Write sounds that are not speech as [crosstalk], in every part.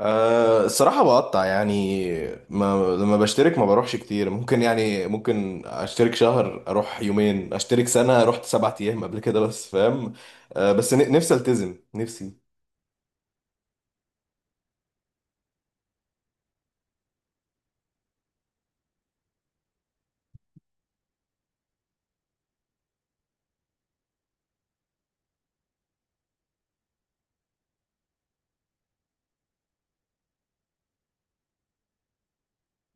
الصراحة بقطع، يعني ما لما بشترك ما بروحش كتير. ممكن يعني ممكن اشترك شهر اروح يومين، اشترك سنة رحت سبعة ايام قبل كده بس. فاهم؟ بس، نفسي التزم نفسي.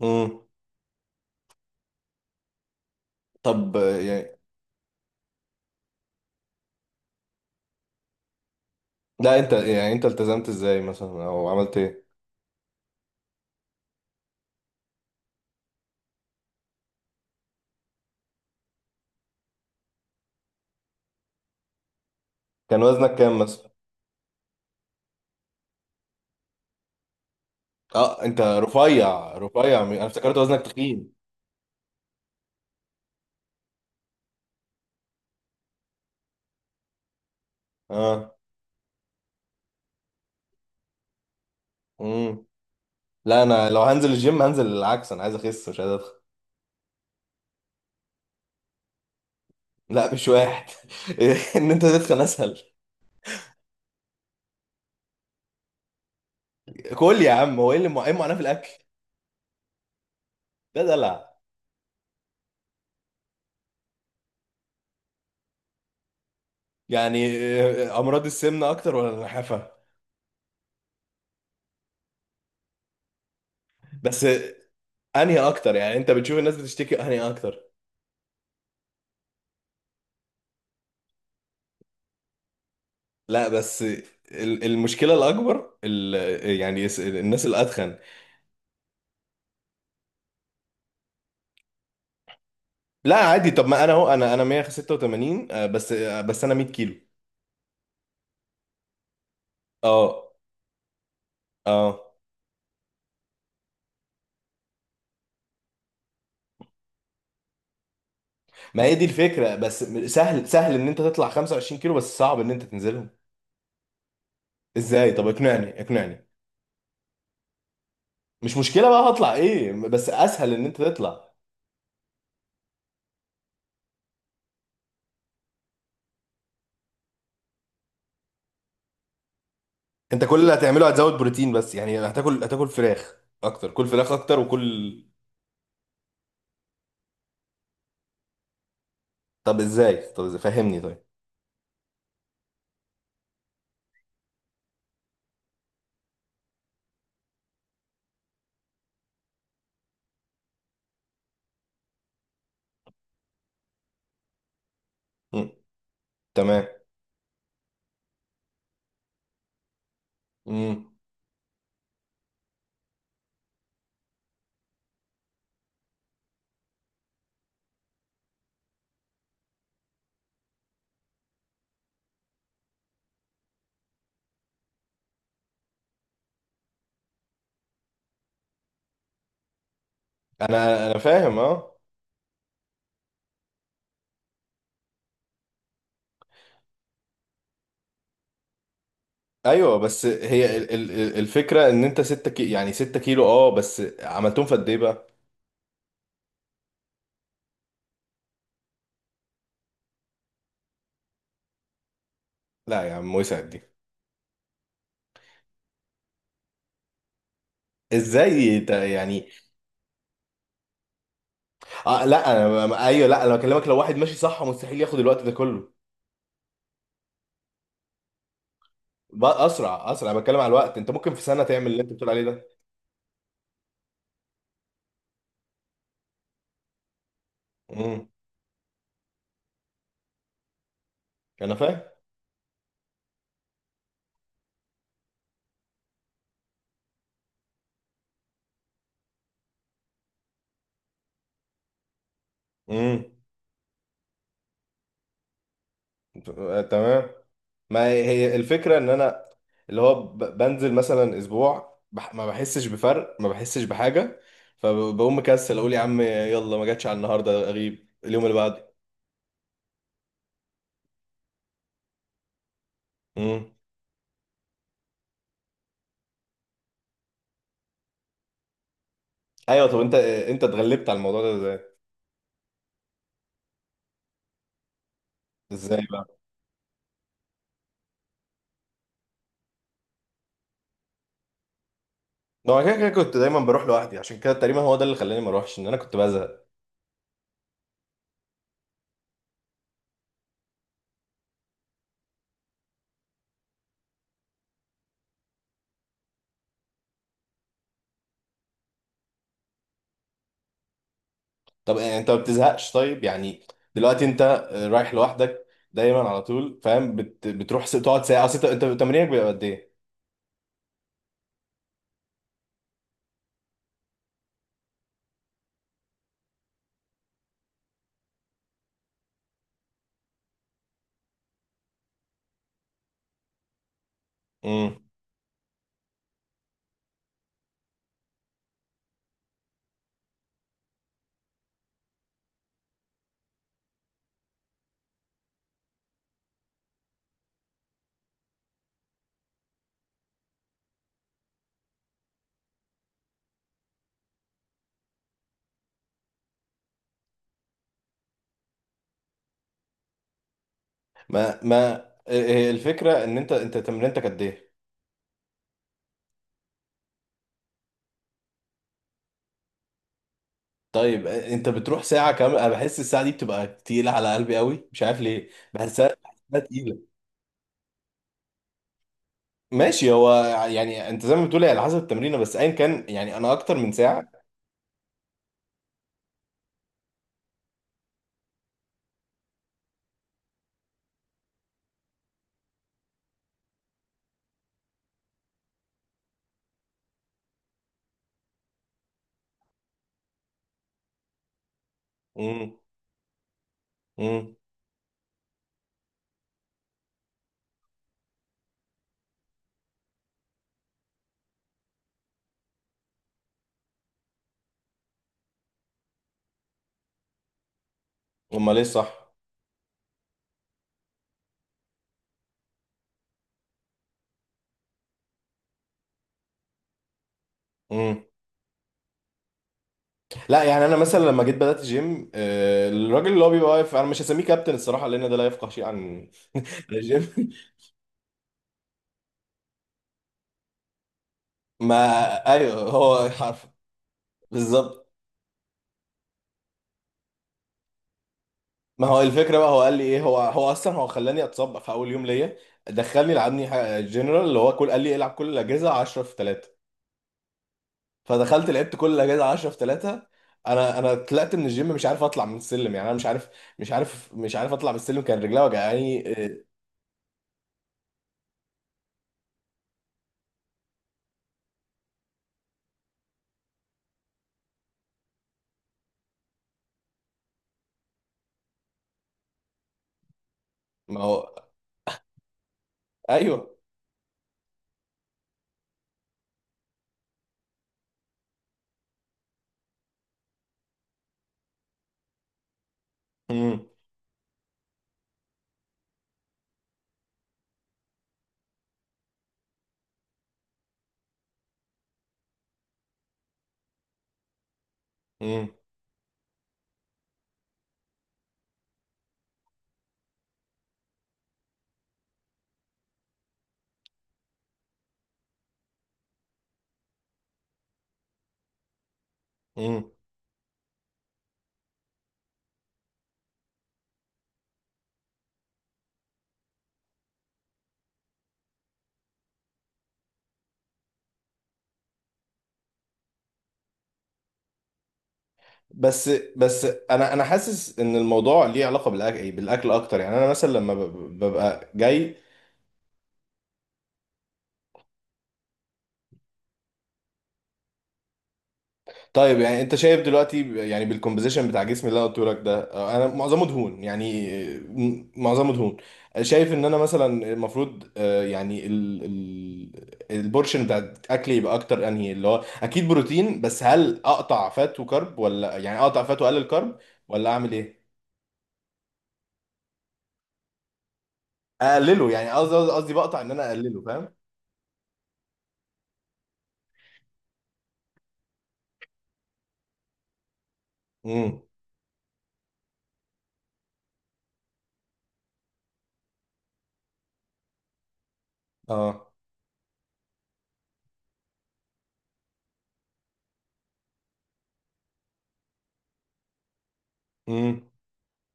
مم. طب يعني، لا انت يعني، انت التزمت ازاي مثلا او عملت ايه؟ كان وزنك كام مثلا؟ اه، انت رفيع رفيع، انا افتكرت وزنك تخين. اه. مم. لا، انا لو هنزل الجيم هنزل العكس، انا عايز اخس مش عايز ادخل. لا، مش واحد. [laughs] ان انت تدخل اسهل. كل يا عم، هو ايه اللي ايه المعاناه في الاكل؟ ده دلع. يعني امراض السمنه اكتر ولا النحافه؟ بس انهي اكتر يعني؟ انت بتشوف الناس بتشتكي انهي اكتر؟ لا بس المشكله الاكبر، يعني الناس الاتخن. لا عادي، طب ما انا اهو، انا 186 بس انا 100 كيلو. اه. اه، ما هي دي الفكره بس. سهل سهل ان انت تطلع 25 كيلو، بس صعب ان انت تنزلهم. ازاي؟ طب اقنعني اقنعني. مش مشكله بقى هطلع ايه، بس اسهل ان انت تطلع. انت كل اللي هتعمله هتزود بروتين بس، يعني هتاكل، فراخ اكتر. كل فراخ اكتر وكل. طب ازاي؟ طب ازاي؟ فهمني طيب. مم. تمام. مم. انا فاهم. اه. ايوه، بس هي الفكره ان انت 6 يعني 6 كيلو اه، بس عملتهم في قد ايه بقى؟ لا يا عم، وسعت دي. ازاي انت يعني؟ اه لا انا ايوه، لا انا بكلمك، لو واحد ماشي صح مستحيل ياخد الوقت ده كله. بقى اسرع اسرع، انا بتكلم على الوقت. انت ممكن في سنه تعمل اللي انت بتقول عليه ده. امم. انا فاهم. امم. آه، تمام. ما هي هي الفكرة ان انا، اللي هو بنزل مثلا اسبوع بح، ما بحسش بفرق، ما بحسش بحاجة. فبقوم مكسل اقول يا عم يلا، ما جاتش على النهاردة، اغيب اليوم اللي بعده. امم. ايوه، طب انت اتغلبت على الموضوع ده ازاي؟ ازاي بقى؟ ما هو كده كده كنت دايما بروح لوحدي، عشان كده تقريبا هو ده اللي خلاني ما اروحش، ان انا كنت بزهق. طب انت ما بتزهقش طيب يعني؟ دلوقتي انت رايح لوحدك دايما على طول فاهم؟ بتروح تقعد ساعة؟ اصل انت، أنت تمرينك بيبقى قد ايه؟ ما هي الفكره ان انت تمرينتك قد ايه؟ طيب انت بتروح ساعه كامله. انا بحس الساعه دي بتبقى تقيله على قلبي قوي، مش عارف ليه. بحسها بحسها تقيله. ماشي. هو يعني انت زي ما بتقول هي على حسب التمرينه، بس ايا كان، يعني انا اكتر من ساعه. امم. امم. امال ايه صح؟ امم. لا يعني انا مثلا لما جيت بدات جيم، الراجل اللي هو بيبقى واقف انا مش هسميه كابتن الصراحه، لان ده لا يفقه شيء عن الجيم. [laughs] ما ايوه، هو حرف. بالظبط. ما هو الفكره بقى، هو قال لي ايه، هو اصلا هو خلاني اتصاب في اول يوم ليا. دخلني لعبني جنرال اللي هو كل، قال لي العب كل الاجهزه 10 في 3. فدخلت لعبت كل الاجهزه 10 في 3. انا طلعت من الجيم مش عارف اطلع من السلم، يعني انا مش عارف اطلع من السلم. كان رجلي وجعاني. ما هو. ايوه. امم. امم. امم. بس بس انا حاسس ان الموضوع ليه علاقه بالاكل، بالاكل اكتر. يعني انا مثلا لما ببقى جاي. طيب يعني انت شايف دلوقتي، يعني بالكومبوزيشن بتاع جسمي اللي انا قلته لك ده، انا معظمه دهون يعني. اه، معظمه دهون. شايف ان انا مثلا المفروض يعني ال البورشن بتاع اكلي يبقى اكتر انهي اللي هو؟ اكيد بروتين، بس هل اقطع فات وكرب، ولا يعني اقطع فات واقلل كرب، ولا اعمل ايه؟ اقلله يعني، قصدي بقطع ان انا اقلله. فاهم؟ امم. اه. امم.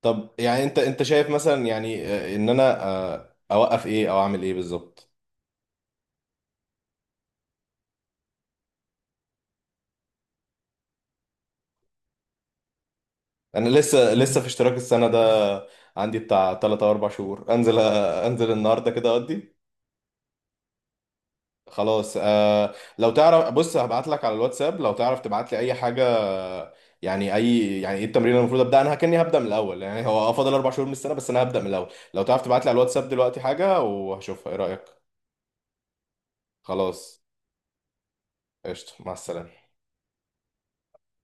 طب يعني انت شايف مثلا يعني ان انا اوقف ايه او اعمل ايه بالظبط؟ انا لسه في اشتراك السنه ده، عندي بتاع 3 او 4 شهور. انزل النهارده كده اقضي. خلاص لو تعرف، بص هبعت لك على الواتساب لو تعرف تبعت لي اي حاجه. يعني اي، يعني ايه التمرين اللي المفروض ابدا؟ انا كاني هبدا من الاول، يعني هو فاضل اربع شهور من السنه بس انا هبدا من الاول. لو تعرف تبعت لي على الواتساب دلوقتي حاجه وهشوفها، ايه رايك؟ خلاص، قشطه، مع السلامه.